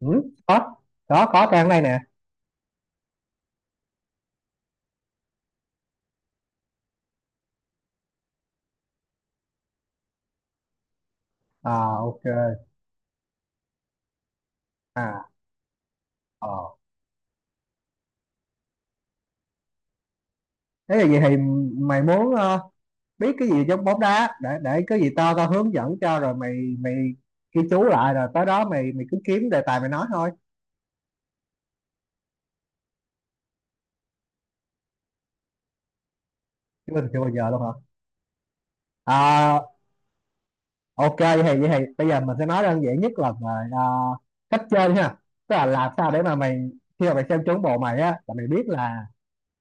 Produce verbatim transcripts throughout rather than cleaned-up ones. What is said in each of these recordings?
ừ, có có có trang này nè. À. Ok. À. ờ Thế là vậy thì mày muốn ờ, biết cái gì trong bóng đá để để cái gì tao tao hướng dẫn cho, rồi mày mày ghi chú lại rồi tới đó mày mày cứ kiếm đề tài mày nói thôi. Chứ mình chưa bao giờ luôn hả? À. Ok vậy thì vậy thì bây giờ mình sẽ nói đơn giản nhất là về ờ, cách chơi ha, tức là làm sao để mà mày khi mà mày xem trúng bộ mày á là mày biết là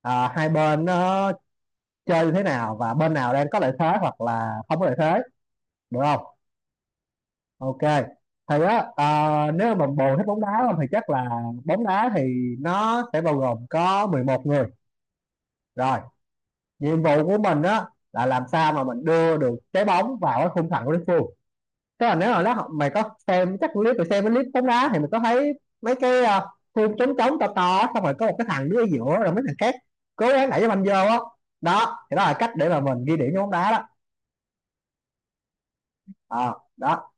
ờ, hai bên nó chơi như thế nào và bên nào đang có lợi thế hoặc là không có lợi thế, được không? Ok, thì á, à, nếu mà bồ thích bóng đá không thì chắc là bóng đá thì nó sẽ bao gồm có mười một người, rồi nhiệm vụ của mình á là làm sao mà mình đưa được trái bóng vào cái khung thành của đối phương. Tức là nếu mà nó mày có xem chắc clip, mày xem cái clip bóng đá thì mình có thấy mấy cái à, khung trống trống to to, xong rồi có một cái thằng đứng ở giữa rồi mấy thằng khác cố gắng đẩy cái banh vô á, đó thì đó là cách để mà mình ghi điểm cho bóng đá đó. Ờ, Đó.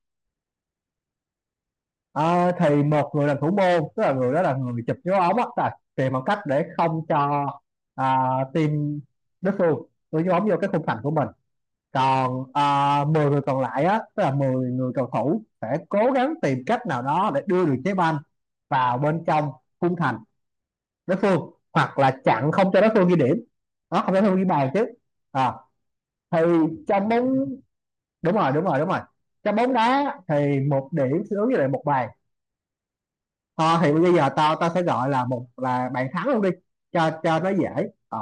Ờ, thì một người làm thủ môn, tức là người đó là người chụp dấu ống á, tức là tìm bằng cách để không cho à, team đối phương đưa dấu ống vô cái khung thành của mình. Còn à, mười người còn lại á, tức là mười người cầu thủ sẽ cố gắng tìm cách nào đó để đưa được trái banh vào bên trong khung thành đối phương, hoặc là chặn không cho đối phương ghi điểm. Đó, không cho đối phương ghi bàn chứ. À, thì trong bóng đúng rồi đúng rồi đúng rồi Trong bóng đá thì một điểm sẽ ứng với lại một bàn. Ờ, thì bây giờ tao tao sẽ gọi là một là bạn thắng luôn đi, cho cho nó dễ. Ờ,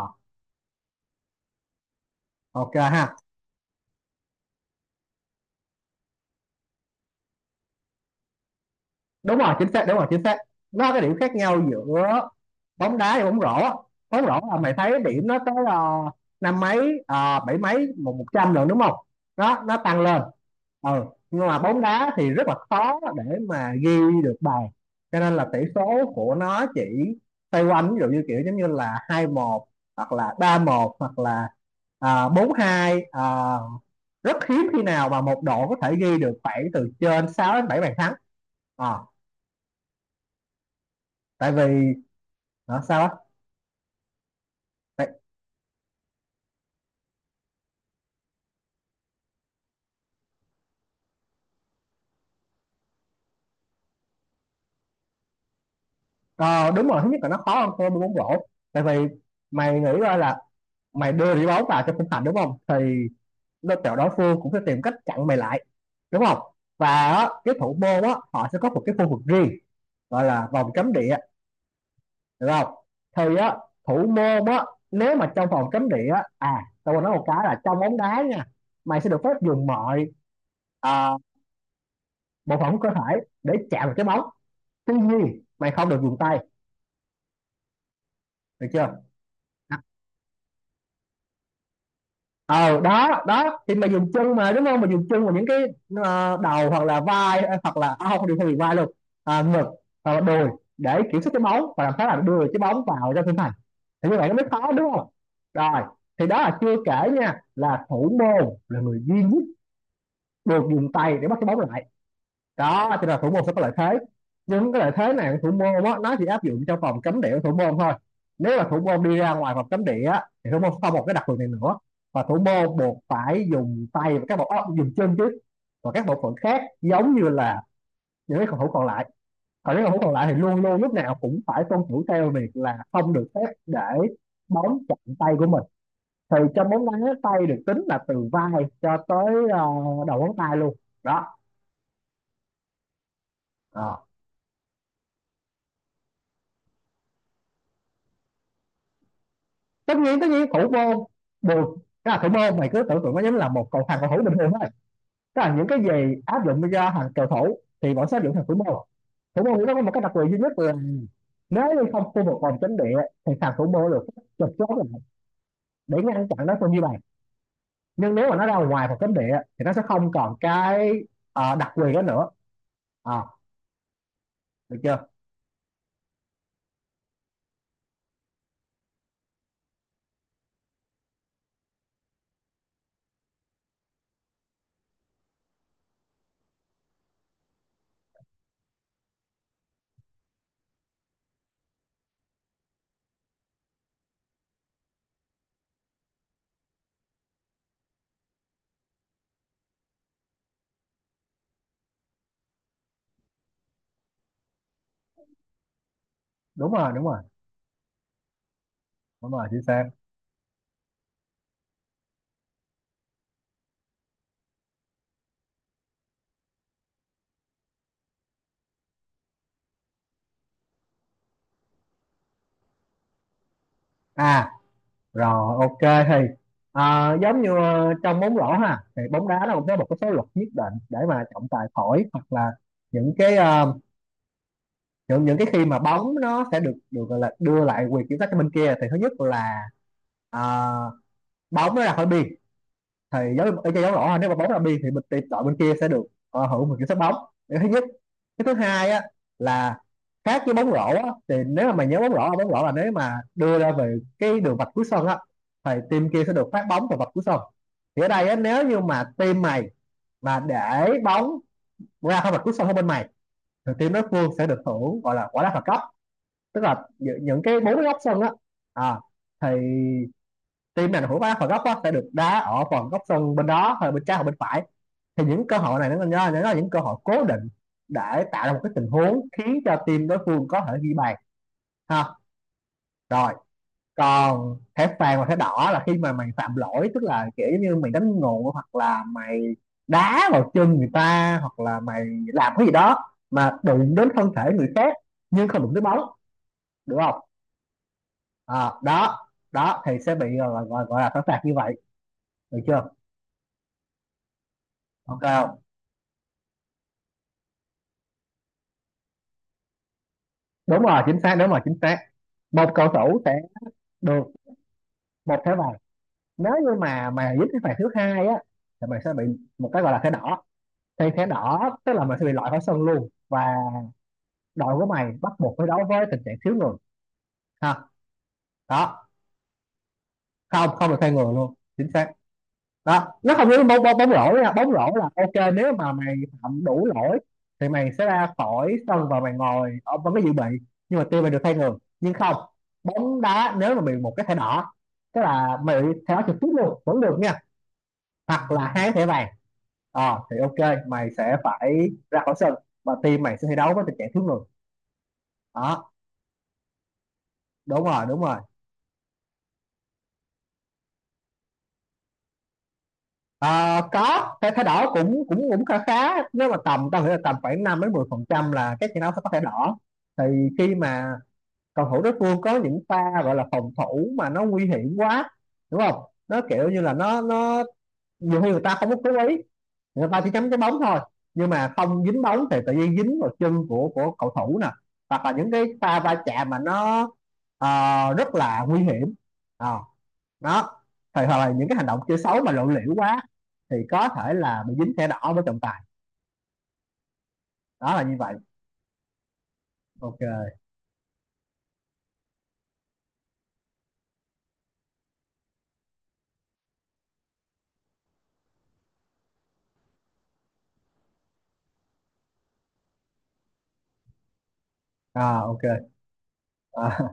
ok ha. Đúng rồi, chính xác. Đúng rồi, chính xác. Nó có cái điểm khác nhau giữa bóng đá và bóng rổ á. Bóng rổ là mày thấy điểm nó tới ờ, năm mấy, ờ, bảy mấy, một một trăm rồi, đúng không? Đó, nó tăng lên. Ừ, nhưng mà bóng đá thì rất là khó để mà ghi được bàn, cho nên là tỷ số của nó chỉ xoay quanh, ví dụ như kiểu giống như là hai một, hoặc là ba một, hoặc là à, bốn hai. À, rất hiếm khi nào mà một đội có thể ghi được khoảng từ trên sáu đến bảy bàn thắng. Ờ, Tại vì ờ, sao á? tại, ờ, đúng rồi, thứ nhất là nó khó hơn so với bóng rổ, tại vì mày nghĩ coi là mày đưa đi bóng vào cho khung thành, đúng không, thì đối tượng đối phương cũng sẽ tìm cách chặn mày lại, đúng không, và á, cái thủ môn á họ sẽ có một cái khu vực riêng gọi là vòng cấm địa, được không? Thì á, thủ môn á, nếu mà trong vòng cấm địa á, à tôi còn nói một cái là trong bóng đá nha, mày sẽ được phép dùng mọi à, bộ phận của cơ thể để chạm vào cái bóng, tuy nhiên mày không được dùng tay, được chưa? Ờ, đó đó thì mình dùng chân mà, đúng không, mình dùng chân vào những cái ờ, đầu hoặc là vai, ờ, hoặc là à, không điều không bị vai luôn, à, ngực hoặc là đùi, để kiểm soát cái bóng và làm sao là đưa cái bóng vào trong khung thành, thì như vậy nó mới khó, đúng không? Rồi, thì đó là chưa kể nha, là thủ môn là người duy nhất được dùng tay để bắt cái bóng lại. Đó thì là thủ môn sẽ có lợi thế, nhưng cái lợi thế này thủ môn á nó chỉ áp dụng trong vòng cấm địa của thủ môn thôi. Nếu mà thủ môn đi ra ngoài vòng cấm địa á, thì thủ môn sẽ không một cái đặc quyền này nữa. Và thủ môn buộc phải dùng tay và các bộ óc dùng chân chứ, và các bộ phận khác giống như là những cái cầu thủ còn lại. Còn những cầu thủ còn lại thì luôn luôn lúc nào cũng phải tuân thủ theo việc là không được phép để bóng chạm tay của mình. Thì trong bóng đá, tay được tính là từ vai cho tới ờ, đầu ngón tay luôn. Đó. Ờ. Tất nhiên, tất nhiên thủ môn buồn cái là thủ môn mày cứ tưởng tượng nó giống là một cầu thằng cầu thủ bình thường thôi, tức là những cái gì áp dụng cho hàng cầu thủ thì bọn sẽ áp dụng thằng thủ môn. Thủ môn thì nó có một cái đặc quyền duy nhất là nếu như không khu vực vòng cấm địa thì thằng thủ môn được chụp chốt lại để ngăn chặn đối phương như vậy. Nhưng nếu mà nó ra ngoài vòng cấm địa thì nó sẽ không còn cái ờ, đặc quyền đó nữa. à, Được chưa? Đúng rồi, đúng rồi, đúng rồi, chính xác. À. Rồi, ok thì à, giống như ờ, trong bóng rổ ha, thì bóng đá nó cũng có một cái số luật nhất định để mà trọng tài thổi, hoặc là những cái ờ, những những cái khi mà bóng nó sẽ được được gọi là đưa lại quyền kiểm soát cho bên kia. Thì thứ nhất là ờ, bóng nó ra khỏi biên, thì giống ở chơi giống rõ ha, nếu mà bóng ra biên thì mình tìm đội bên kia sẽ được ờ, hưởng một kiểm soát bóng. Điều thứ nhất. Cái thứ hai á là khác với bóng rổ á, thì nếu mà mày nhớ bóng rổ bóng rổ là nếu mà đưa ra về cái đường vạch cuối sân á thì team kia sẽ được phát bóng từ vạch cuối sân. Thì ở đây á, nếu như mà team mày mà để bóng ra khỏi vạch cuối sân của bên mày thì team đối phương sẽ được hưởng gọi là quả đá phạt góc, tức là những những cái bốn cái góc sân á, à, thì team này hưởng quả đá phạt góc á sẽ được đá ở phần góc sân bên đó, hay bên trái hoặc bên phải. Thì những cơ hội này nó nó nó là những cơ hội cố định để tạo ra một cái tình huống khiến cho team đối phương có thể ghi bàn, ha. Rồi, còn thẻ vàng và thẻ đỏ là khi mà mày phạm lỗi, tức là kiểu như mày đánh ngộ hoặc là mày đá vào chân người ta, hoặc là mày làm cái gì đó mà đụng đến thân thể người khác nhưng không đụng tới bóng, được không? À, đó đó thì sẽ bị gọi, gọi, gọi là thẻ phạt như vậy, được chưa? Ok. Đúng rồi, chính xác. Đúng rồi, chính xác. Một cầu thủ sẽ được một thẻ vàng, nếu như mà mà dính cái phạt thứ hai á thì mày sẽ bị một cái gọi là thẻ đỏ. Thì thẻ đỏ tức là mày sẽ bị loại khỏi sân luôn, và đội của mày bắt buộc phải đấu với tình trạng thiếu người, ha. Đó. Không, không được thay người luôn, chính xác. Đó, nó không giống bóng bóng bóng rổ nha, bóng rổ là ok nếu mà mày phạm đủ lỗi thì mày sẽ ra khỏi sân và mày ngồi ở vẫn cái dự bị, nhưng mà team mày được thay người. Nhưng không, bóng đá nếu mà bị một cái thẻ đỏ, tức là mày bị thẻ đỏ trực tiếp luôn vẫn được nha, hoặc là hai thẻ vàng. Ờ thì ok, mày sẽ phải ra khỏi sân và team mày sẽ thi đấu với tình trạng thiếu người. Đó. Đúng rồi, đúng rồi. Ờ, có cái thái đỏ cũng cũng cũng khá khá, nếu mà tầm tao nghĩ là tầm khoảng năm đến mười phần trăm là các trận đấu sẽ có thẻ đỏ. Thì khi mà cầu thủ đối phương có những pha gọi là phòng thủ mà nó nguy hiểm quá, đúng không, nó kiểu như là nó nó nhiều khi người ta không có cố ý, người ta chỉ chấm cái bóng thôi, nhưng mà không dính bóng thì tự nhiên dính vào chân của của cầu thủ nè, hoặc là những cái pha va chạm mà nó ờ, rất là nguy hiểm. Ờ, Đó, thì hoặc là những cái hành động chơi xấu mà lộ liễu quá thì có thể là bị dính thẻ đỏ với trọng tài. Đó là như vậy. Ok. À, ok. Ờ,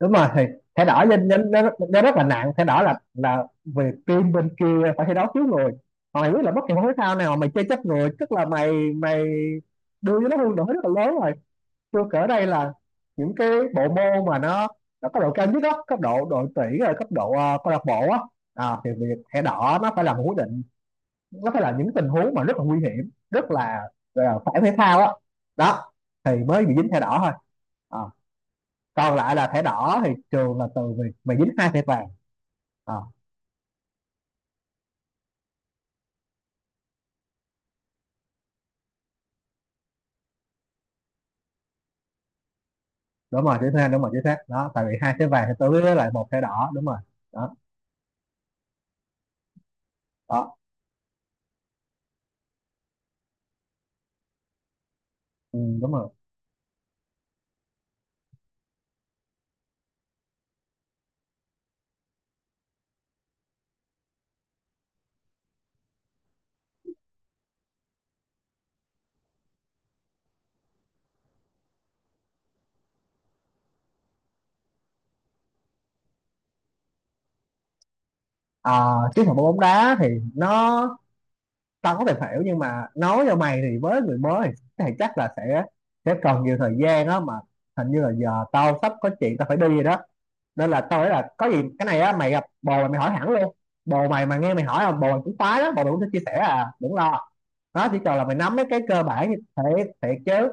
Đúng rồi, thì thẻ đỏ nên nên nó rất là nặng. Thẻ đỏ là là về team bên kia phải thi đấu thiếu người, còn mày biết là bất kỳ môn thể thao nào mà mày chơi chết người, tức là mày mày đưa cho nó hương nổi rất là lớn rồi. Tôi kể đây là những cái bộ môn mà nó nó cấp độ cao nhất đó, cấp độ đội tuyển rồi cấp độ ờ, câu lạc bộ á. À, thì việc thẻ đỏ nó phải là một quyết định, nó phải là những tình huống mà rất là nguy hiểm, rất là, gọi là phản thể thao á. Đó thì mới bị dính thẻ đỏ thôi. à, Còn lại là thẻ đỏ thì trường là từ việc mày dính hai thẻ vàng. à, Đúng rồi, chính xác. Đúng rồi, chính xác. Đó, tại vì hai thẻ vàng thì tới với lại một thẻ đỏ, đúng rồi. Đó. Đó. Ừ, đúng rồi. à, Chiến thuật bóng đá thì nó tao có thể hiểu, nhưng mà nói cho mày thì với người mới thì, chắc là sẽ sẽ cần nhiều thời gian á mà. Hình như là giờ tao sắp có chuyện tao phải đi rồi đó, nên là tao nghĩ là có gì cái này á mày gặp bồ mày, mày hỏi hẳn luôn. Bồ mày mà nghe mày hỏi là bồ mày cũng khoái đó, bồ mày cũng sẽ chia sẻ, à đừng lo, nó chỉ cần là mày nắm mấy cái cơ bản như thế. Thiệt chứ.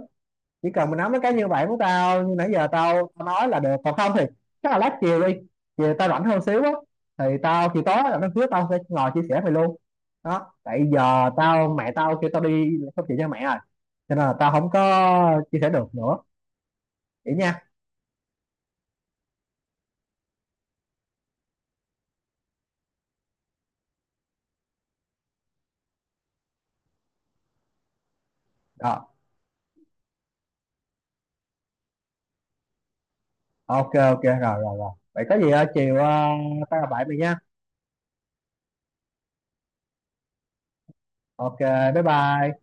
Chỉ cần mình nói mấy cái như vậy của tao như nãy giờ tao, tao nói là được, còn không thì chắc là lát chiều đi. Chiều tao rảnh hơn xíu á, thì tao thì tối là nó hứa tao sẽ ngồi chia sẻ về luôn. Đó, tại giờ tao mẹ tao kêu tao đi không chịu cho mẹ rồi, cho nên là tao không có chia sẻ được nữa. Vậy nha. Rồi ok ok, rồi rồi rồi, vậy có gì ờ, chiều ờ, tao gặp lại mày nha. Ok. Bye bye.